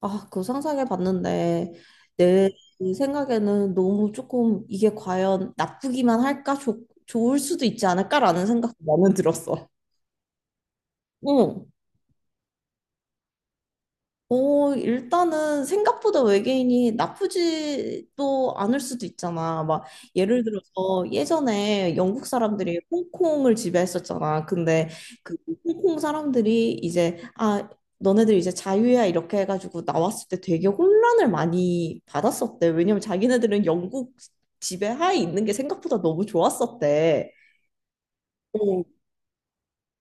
아, 그거 상상해 봤는데, 내 생각에는 너무 조금 이게 과연 나쁘기만 할까? 좋 좋을 수도 있지 않을까라는 생각도 나는 들었어. 응. 일단은 생각보다 외계인이 나쁘지도 않을 수도 있잖아. 막 예를 들어서 예전에 영국 사람들이 홍콩을 지배했었잖아. 근데 그 홍콩 사람들이 이제 아, 너네들 이제 자유야 이렇게 해가지고 나왔을 때 되게 혼란을 많이 받았었대. 왜냐면 자기네들은 영국 지배하에 있는 게 생각보다 너무 좋았었대. 어,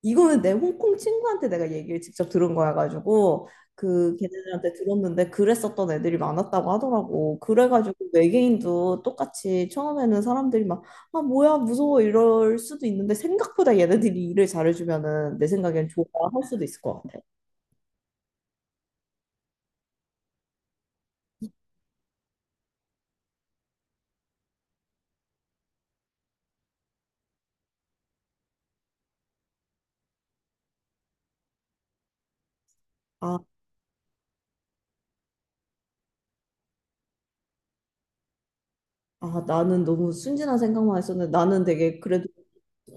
이거는 내 홍콩 친구한테 내가 얘기를 직접 들은 거여가지고 그 걔네들한테 들었는데 그랬었던 애들이 많았다고 하더라고. 그래가지고 외계인도 똑같이 처음에는 사람들이 막 아 뭐야 무서워 이럴 수도 있는데 생각보다 얘네들이 일을 잘해주면은 내 생각엔 좋아할 수도 있을 것 같아. 아, 아 나는 너무 순진한 생각만 했었는데 나는 되게 그래도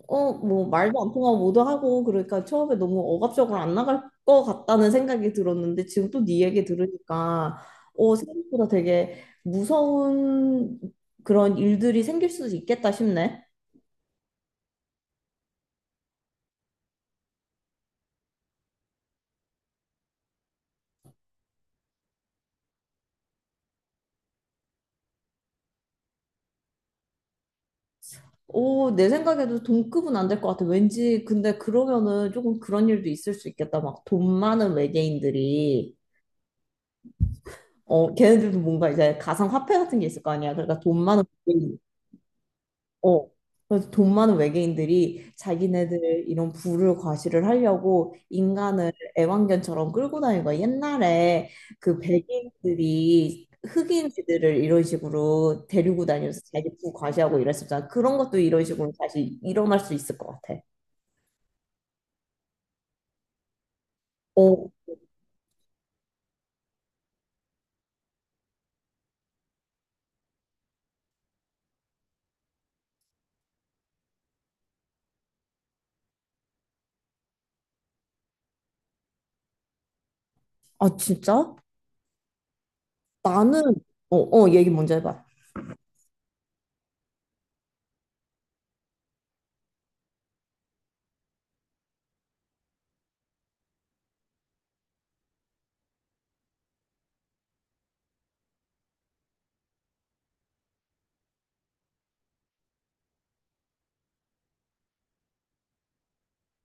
뭐 말도 안 통하고 뭐도 하고 그러니까 처음에 너무 억압적으로 안 나갈 것 같다는 생각이 들었는데 지금 또 네 얘기 들으니까 생각보다 되게 무서운 그런 일들이 생길 수도 있겠다 싶네. 오, 내 생각에도 동급은 안 될 것 같아. 왠지 근데 그러면은 조금 그런 일도 있을 수 있겠다. 막 돈 많은 외계인들이 어, 걔네들도 뭔가 이제 가상화폐 같은 게 있을 거 아니야. 그러니까 돈 많은 어. 그래서 돈 많은 외계인들이 자기네들 이런 부를 과시를 하려고 인간을 애완견처럼 끌고 다니는 거야. 옛날에 그 백인들이 흑인들을 이런 식으로 데리고 다니면서 자기 부 과시하고 이랬었잖아. 그런 것도 이런 식으로 다시 일어날 수 있을 것 같아. 어, 아, 진짜? 나는, 얘기 먼저 해봐.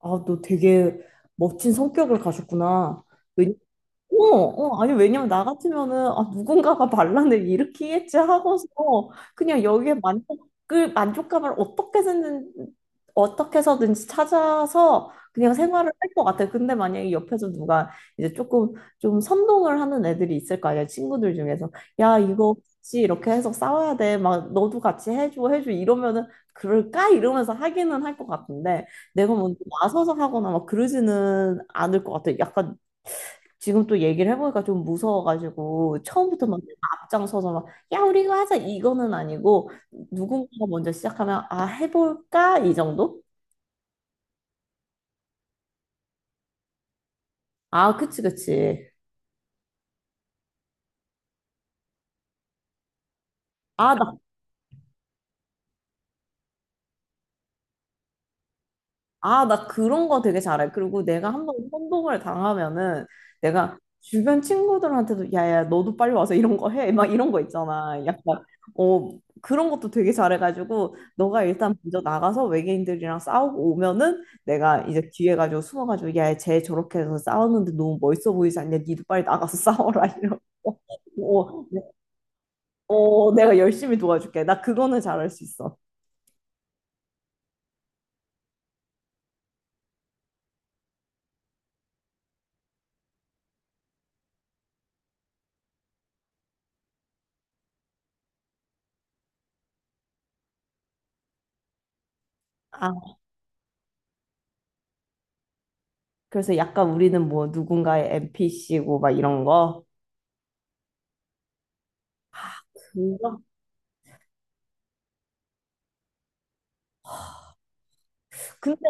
아, 너 되게 멋진 성격을 가졌구나. 왜냐 아니, 왜냐면 나 같으면은, 아, 누군가가 반란을 일으키겠지 하고서, 그냥 여기에 만족을, 만족감을 어떻게 든 어떻게 해서든지 찾아서 그냥 생활을 할 것 같아. 근데 만약에 옆에서 누가 이제 조금 좀 선동을 하는 애들이 있을 거 아니야, 친구들 중에서. 야, 이거 같이 이렇게 해서 싸워야 돼. 막, 너도 같이 해줘, 해줘. 이러면은, 그럴까? 이러면서 하기는 할 것 같은데, 내가 먼저 나서서 하거나 막 그러지는 않을 것 같아. 약간 지금 또 얘기를 해보니까 좀 무서워가지고 처음부터 막 내가 앞장서서 막 야 우리 이거 하자 이거는 아니고 누군가가 먼저 시작하면 아 해볼까 이 정도? 아 그치 그치 아나 아, 나 그런 거 되게 잘해. 그리고 내가 한번 선동을 당하면은 내가 주변 친구들한테도 야야 너도 빨리 와서 이런 거 해. 막 이런 거 있잖아. 약간 어 그런 것도 되게 잘해가지고 너가 일단 먼저 나가서 외계인들이랑 싸우고 오면은 내가 이제 뒤에 가지고 숨어가지고 야쟤 저렇게 해서 싸우는데 너무 멋있어 보이지 않냐? 니도 빨리 나가서 싸워라 이런 거. 어, 어, 내가 열심히 도와줄게. 나 그거는 잘할 수 있어. 아, 그래서 약간 우리는 뭐 누군가의 NPC고 막 이런 거. 그거? 근데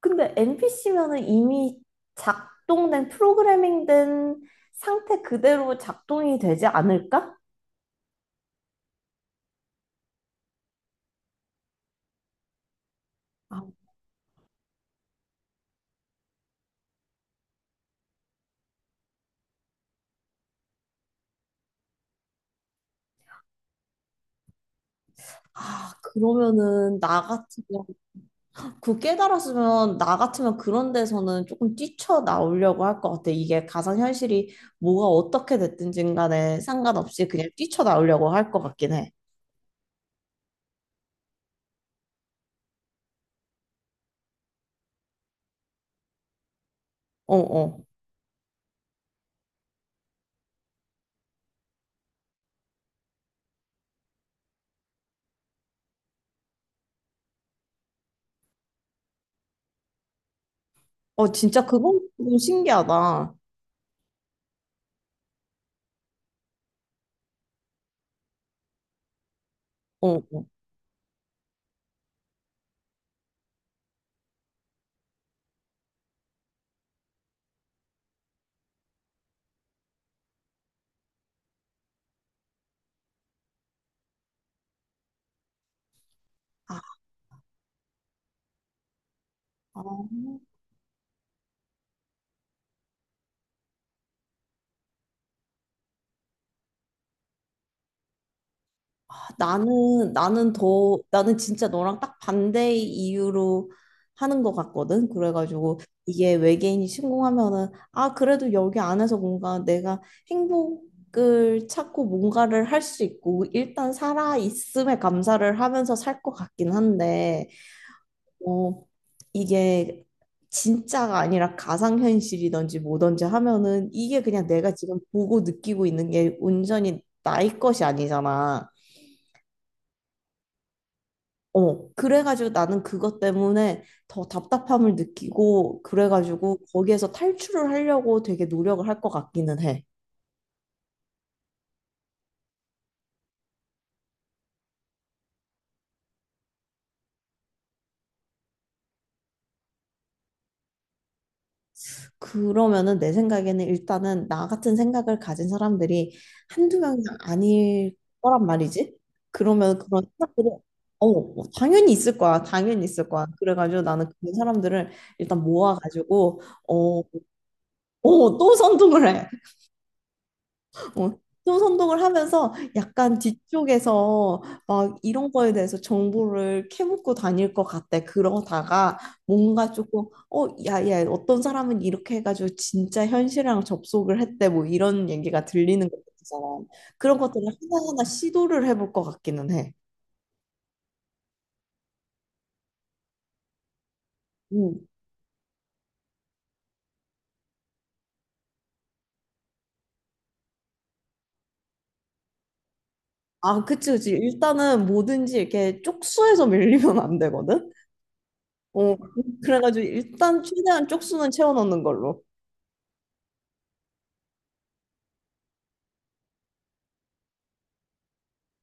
근데 NPC면은 이미 작동된 프로그래밍된 상태 그대로 작동이 되지 않을까? 아, 아, 그러면은 나 같으면 그 깨달았으면 나 같으면 그런 데서는 조금 뛰쳐나오려고 할 것 같아. 이게 가상현실이 뭐가 어떻게 됐든지 간에 상관없이 그냥 뛰쳐나오려고 할 것 같긴 해. 어, 어. 어, 진짜 그건 좀 신기하다. 어. 어. 아, 아. 아, 나는 진짜 너랑 딱 반대의 이유로 하는 것 같거든. 그래가지고 이게 외계인이 신공하면은 아 그래도 여기 안에서 뭔가 내가 행복을 찾고 뭔가를 할 수 있고 일단 살아 있음에 감사를 하면서 살 것 같긴 한데 어 이게 진짜가 아니라 가상현실이든지 뭐든지 하면은 이게 그냥 내가 지금 보고 느끼고 있는 게 온전히 나의 것이 아니잖아. 어, 그래가지고 나는 그것 때문에 더 답답함을 느끼고, 그래가지고 거기에서 탈출을 하려고 되게 노력을 할 것 같기는 해. 그러면은 내 생각에는 일단은 나 같은 생각을 가진 사람들이 한두 명이 아닐 거란 말이지. 그러면 그런 생각들이, 당연히 있을 거야. 당연히 있을 거야. 그래가지고 나는 그런 사람들을 일단 모아가지고, 어, 어, 또 선동을 해. 어, 또 선동을 하면서 약간 뒤쪽에서 막 이런 거에 대해서 정보를 캐묻고 다닐 것 같아. 그러다가 뭔가 조금, 야, 야, 어떤 사람은 이렇게 해가지고 진짜 현실이랑 접속을 했대. 뭐 이런 얘기가 들리는 것 같아서. 그런 것들을 하나하나 시도를 해볼 것 같기는 해. 음. 아, 그치, 그치. 일단은 뭐든지 이렇게 쪽수에서 밀리면 안 되거든? 어, 그래가지고 일단 최대한 쪽수는 채워 넣는 걸로.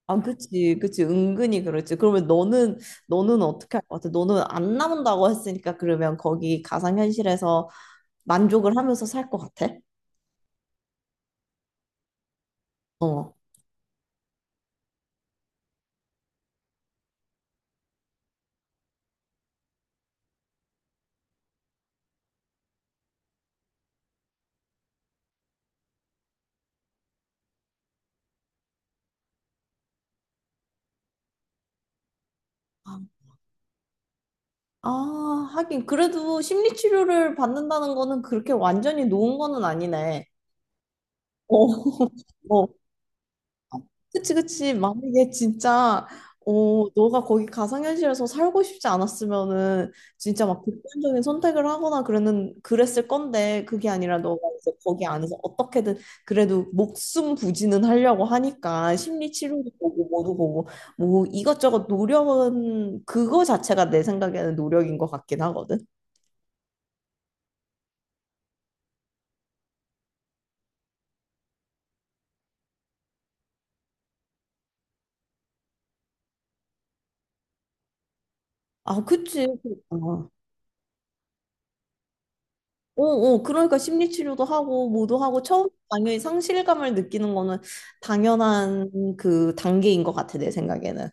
아, 그치, 그치. 은근히 그렇지. 그러면 너는, 너는 어떻게 할 것 같아? 너는 안 남는다고 했으니까 그러면 거기 가상현실에서 만족을 하면서 살 것 같아? 어. 아, 하긴. 그래도 심리치료를 받는다는 거는 그렇게 완전히 놓은 거는 아니네. 어, 어. 그치, 그치. 만약에 진짜, 너가 거기 가상현실에서 살고 싶지 않았으면은, 진짜 막 극단적인 선택을 하거나 그랬는, 그랬을 건데, 그게 아니라 너가 이제 거기 안에서 어떻게든 그래도 목숨 부지는 하려고 하니까, 심리 치료도 보고, 뭐도 보고, 뭐 이것저것 노력은, 그거 자체가 내 생각에는 노력인 것 같긴 하거든. 아, 그치. 아, 그러니까 심리치료도 하고, 뭐도 하고, 처음 당연히 상실감을 느끼는 거는 당연한 그 단계인 것 같아, 내 생각에는.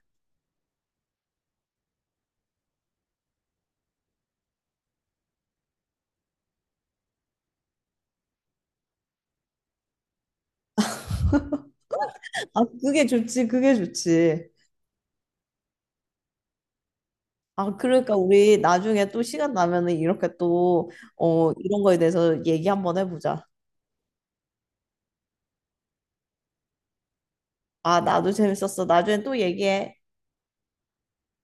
아, 그게 좋지, 그게 좋지. 아, 그러니까 우리 나중에 또 시간 나면은 이렇게 또, 어, 이런 거에 대해서 얘기 한번 해보자. 아, 나도 재밌었어. 나중에 또 얘기해.